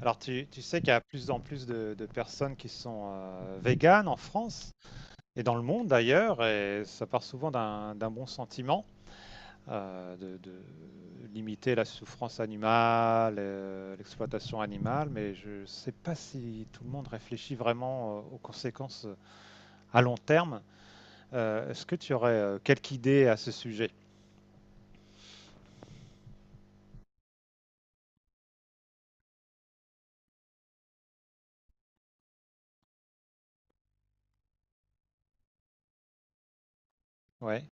Alors, tu sais qu'il y a de plus en plus de personnes qui sont véganes en France et dans le monde d'ailleurs, et ça part souvent d'un bon sentiment de limiter la souffrance animale, l'exploitation animale, mais je ne sais pas si tout le monde réfléchit vraiment aux conséquences à long terme. Est-ce que tu aurais quelques idées à ce sujet? Ouais,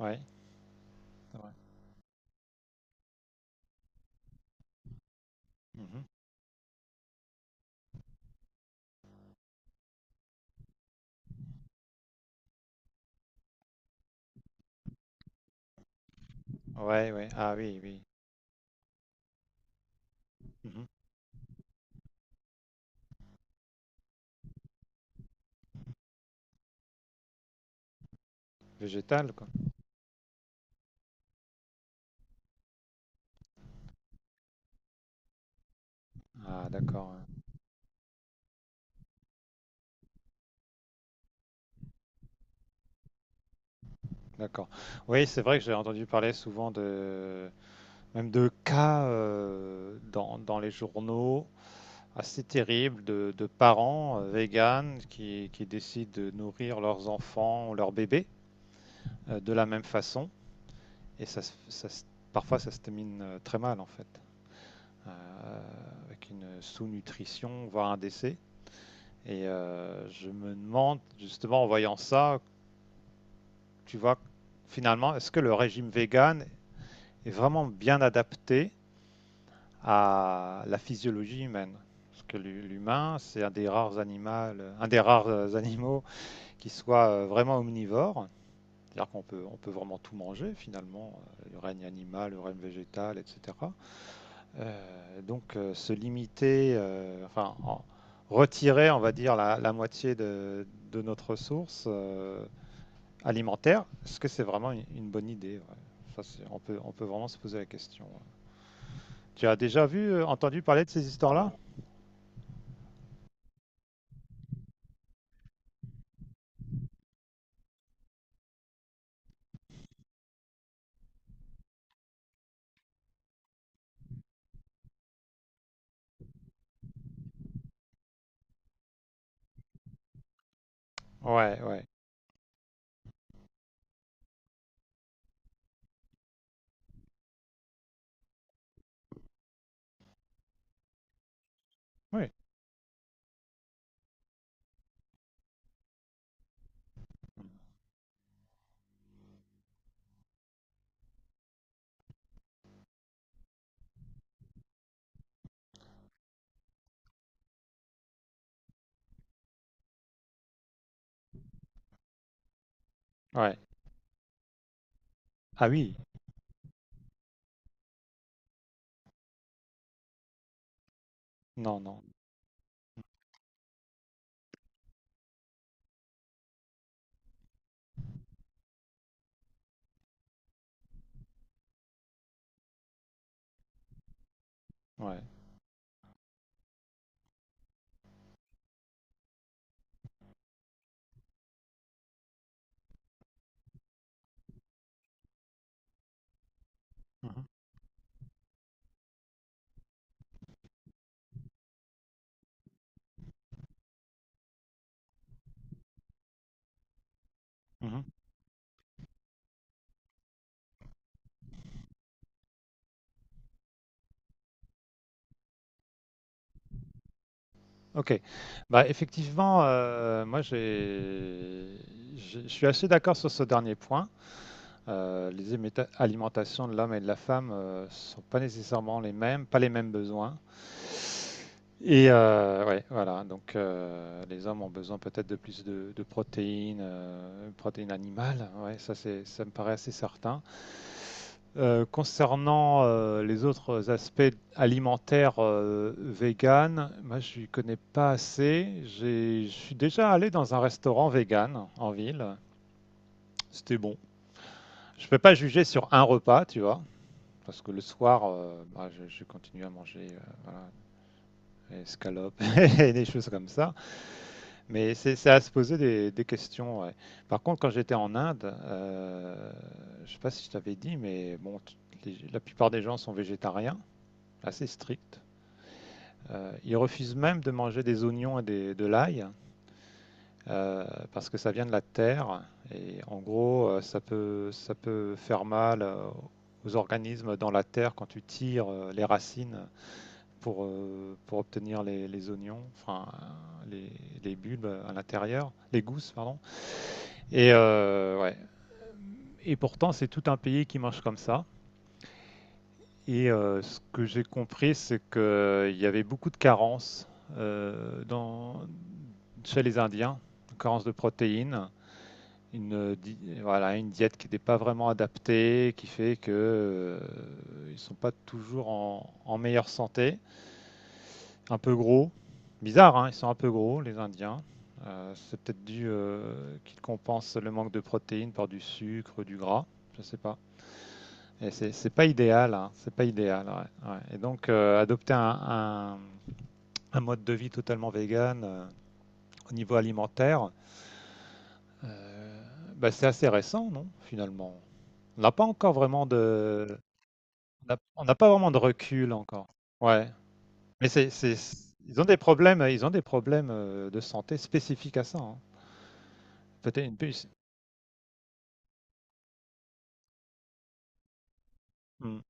ouais, ouais. Mhm. Ouais, ouais. Ah oui, oui. Mhm. Végétal, quoi. Ah, d'accord, ouais. D'accord. Oui, c'est vrai que j'ai entendu parler souvent de même de cas dans les journaux assez terribles de parents véganes qui décident de nourrir leurs enfants ou leurs bébés de la même façon. Et parfois, ça se termine très mal, en fait, euh, avec une sous-nutrition, voire un décès. Et je me demande, justement, en voyant ça, tu vois, finalement, est-ce que le régime végane est vraiment bien adapté à la physiologie humaine. Parce que l'humain, c'est un des rares animaux, un des rares animaux qui soit vraiment omnivore. C'est-à-dire qu'on peut vraiment tout manger finalement, le règne animal, le règne végétal, etc. Se limiter, enfin en, retirer, on va dire, la moitié de notre ressource alimentaire, est-ce que c'est vraiment une bonne idée, ouais. Ça, on peut vraiment se poser la question. Ouais. Tu as déjà vu, entendu parler de ces histoires-là? Ouais, ouais. Oui. Ouais. Ah oui. Non, non. Ouais. Mhm, mhm. Ok. Bah effectivement, je suis assez d'accord sur ce dernier point. Les alimentations de l'homme et de la femme ne sont pas nécessairement les mêmes, pas les mêmes besoins. Et ouais, voilà. Donc les hommes ont besoin peut-être de plus de protéines, protéines animales. Ouais, ça me paraît assez certain. Concernant les autres aspects alimentaires vegan, moi je ne connais pas assez. Je suis déjà allé dans un restaurant vegan en ville. C'était bon. Je ne peux pas juger sur un repas, tu vois. Parce que le soir, je continue à manger voilà, des escalopes et des choses comme ça. Mais c'est à se poser des questions, ouais. Par contre, quand j'étais en Inde, je ne sais pas si je t'avais dit, mais bon, la plupart des gens sont végétariens, assez stricte. Ils refusent même de manger des oignons et de l'ail euh, parce que ça vient de la terre et en gros ça peut faire mal aux organismes dans la terre quand tu tires les racines pour obtenir les oignons, enfin les bulbes à l'intérieur, les gousses, pardon. Et, ouais, et pourtant c'est tout un pays qui mange comme ça. Et ce que j'ai compris, c'est qu'il y avait beaucoup de carences euh, dans, chez les Indiens, carences de protéines, voilà, une diète qui n'est pas vraiment adaptée, qui fait qu'ils sont pas toujours en, en meilleure santé, un peu gros, bizarre, hein, ils sont un peu gros les Indiens. C'est peut-être dû qu'ils compensent le manque de protéines par du sucre, du gras, je ne sais pas. Et c'est pas idéal, hein, c'est pas idéal, ouais, ouais. Et donc adopter un mode de vie totalement vegan au niveau alimentaire, euh, bah, c'est assez récent, non, finalement. On n'a pas encore vraiment de, on n'a pas vraiment de recul encore. Ouais, mais ils ont des problèmes, ils ont des problèmes de santé spécifiques à ça, hein. Peut-être une puce. Mm.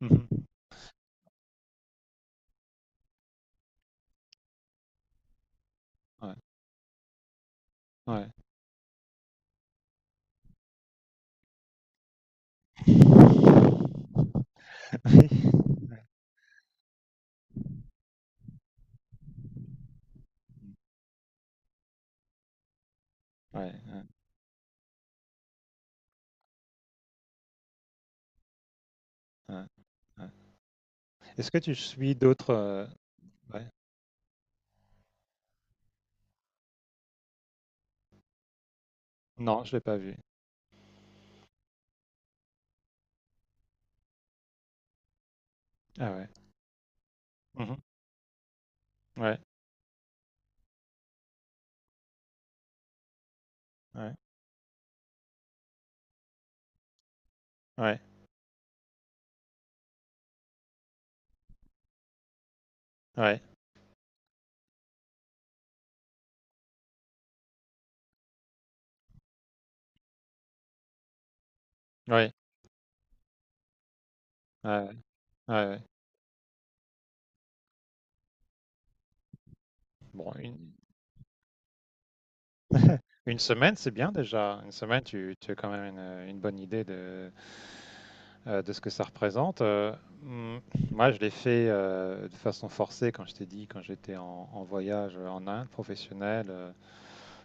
Mhm. Ouais, ouais. Oui. Ouais, ouais, ouais, ouais. Est-ce que tu suis d'autres ouais. Non, je l'ai pas vu. Ah ouais. Mhm. Ouais, ouais, ouais, ouais, ouais, ouais, ouais, ouais, ouais. Bon, une semaine, c'est bien déjà. Une semaine, tu as quand même une bonne idée de ce que ça représente. Hmm, Moi, je l'ai fait de façon forcée, quand je t'ai dit, quand j'étais en, en voyage en Inde professionnel,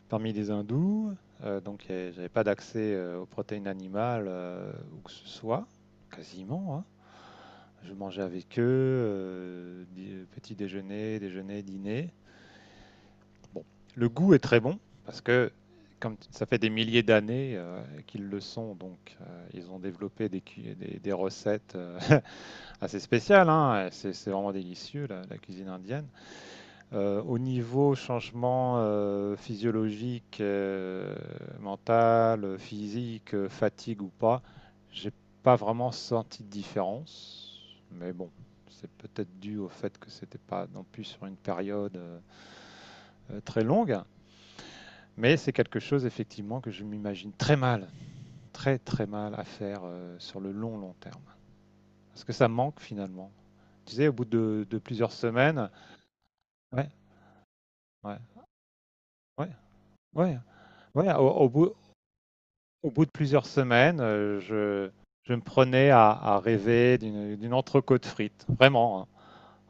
parmi les hindous. J'avais pas d'accès aux protéines animales où que ce soit, quasiment, hein. Je mangeais avec eux, petit déjeuner, déjeuner, dîner. Bon, le goût est très bon parce que comme ça fait des milliers d'années qu'ils le sont, donc ils ont développé des recettes assez spéciales, hein. C'est vraiment délicieux la, la cuisine indienne. Au niveau changement physiologique, mental, physique, fatigue ou pas, j'ai pas vraiment senti de différence. Mais bon, c'est peut-être dû au fait que c'était pas non plus sur une période très longue. Mais c'est quelque chose effectivement que je m'imagine très mal, très très mal à faire sur le long long terme. Parce que ça manque finalement. Tu sais, au bout de plusieurs semaines, ouais, ouais, ouais, ouais, ouais, au bout de plusieurs semaines, je me prenais à rêver d'une entrecôte frite. Vraiment, hein.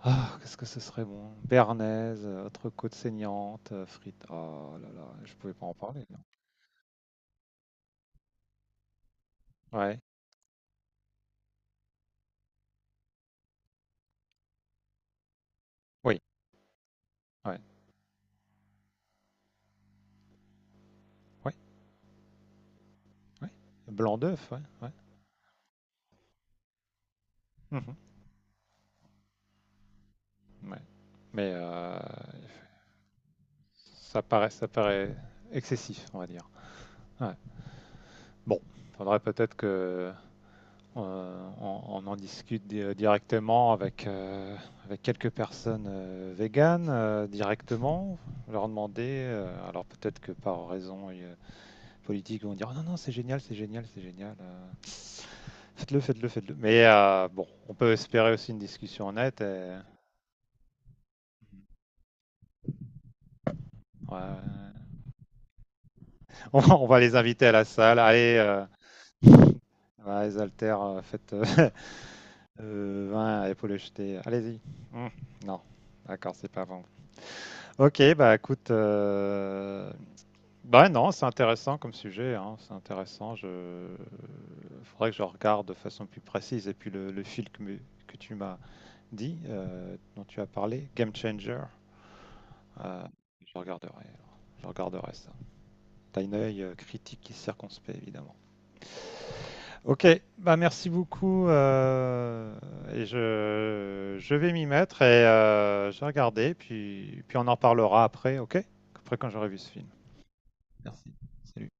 Ah, qu'est-ce que ce serait bon. Béarnaise, entrecôte saignante, frite. Oh là là, je pouvais pas en parler, non. Ouais. Oui, ouais, ouais, ouais. Blanc d'œuf, ouais, ouais. Mhm. Ouais. Mais ça paraît excessif, on va dire. Ouais. Bon, faudrait peut-être que on en discute directement avec, avec quelques personnes véganes directement, leur demander. Alors peut-être que par raison politique, ils vont dire : « Oh non non, c'est génial, c'est génial, c'est génial, faites-le, faites-le, faites-le. » Mais bon, on peut espérer aussi une discussion honnête, et, ouais. On va les inviter à la salle. Allez, ouais, les haltères, faites 20 à épaules jetées. Allez-y. Hmm, non, d'accord, c'est pas bon. Ok, bah écoute, bah non, c'est intéressant comme sujet, hein, c'est intéressant. Je Faudrait que je regarde de façon plus précise. Et puis le fil que tu m'as dit, dont tu as parlé, Game Changer, euh, je regarderai, alors. Je regarderai ça. T'as une œil critique et circonspect, évidemment. Ok, bah merci beaucoup. Je vais m'y mettre et je vais regarder, puis, puis on en reparlera après, ok? Après quand j'aurai vu ce film. Merci. Salut.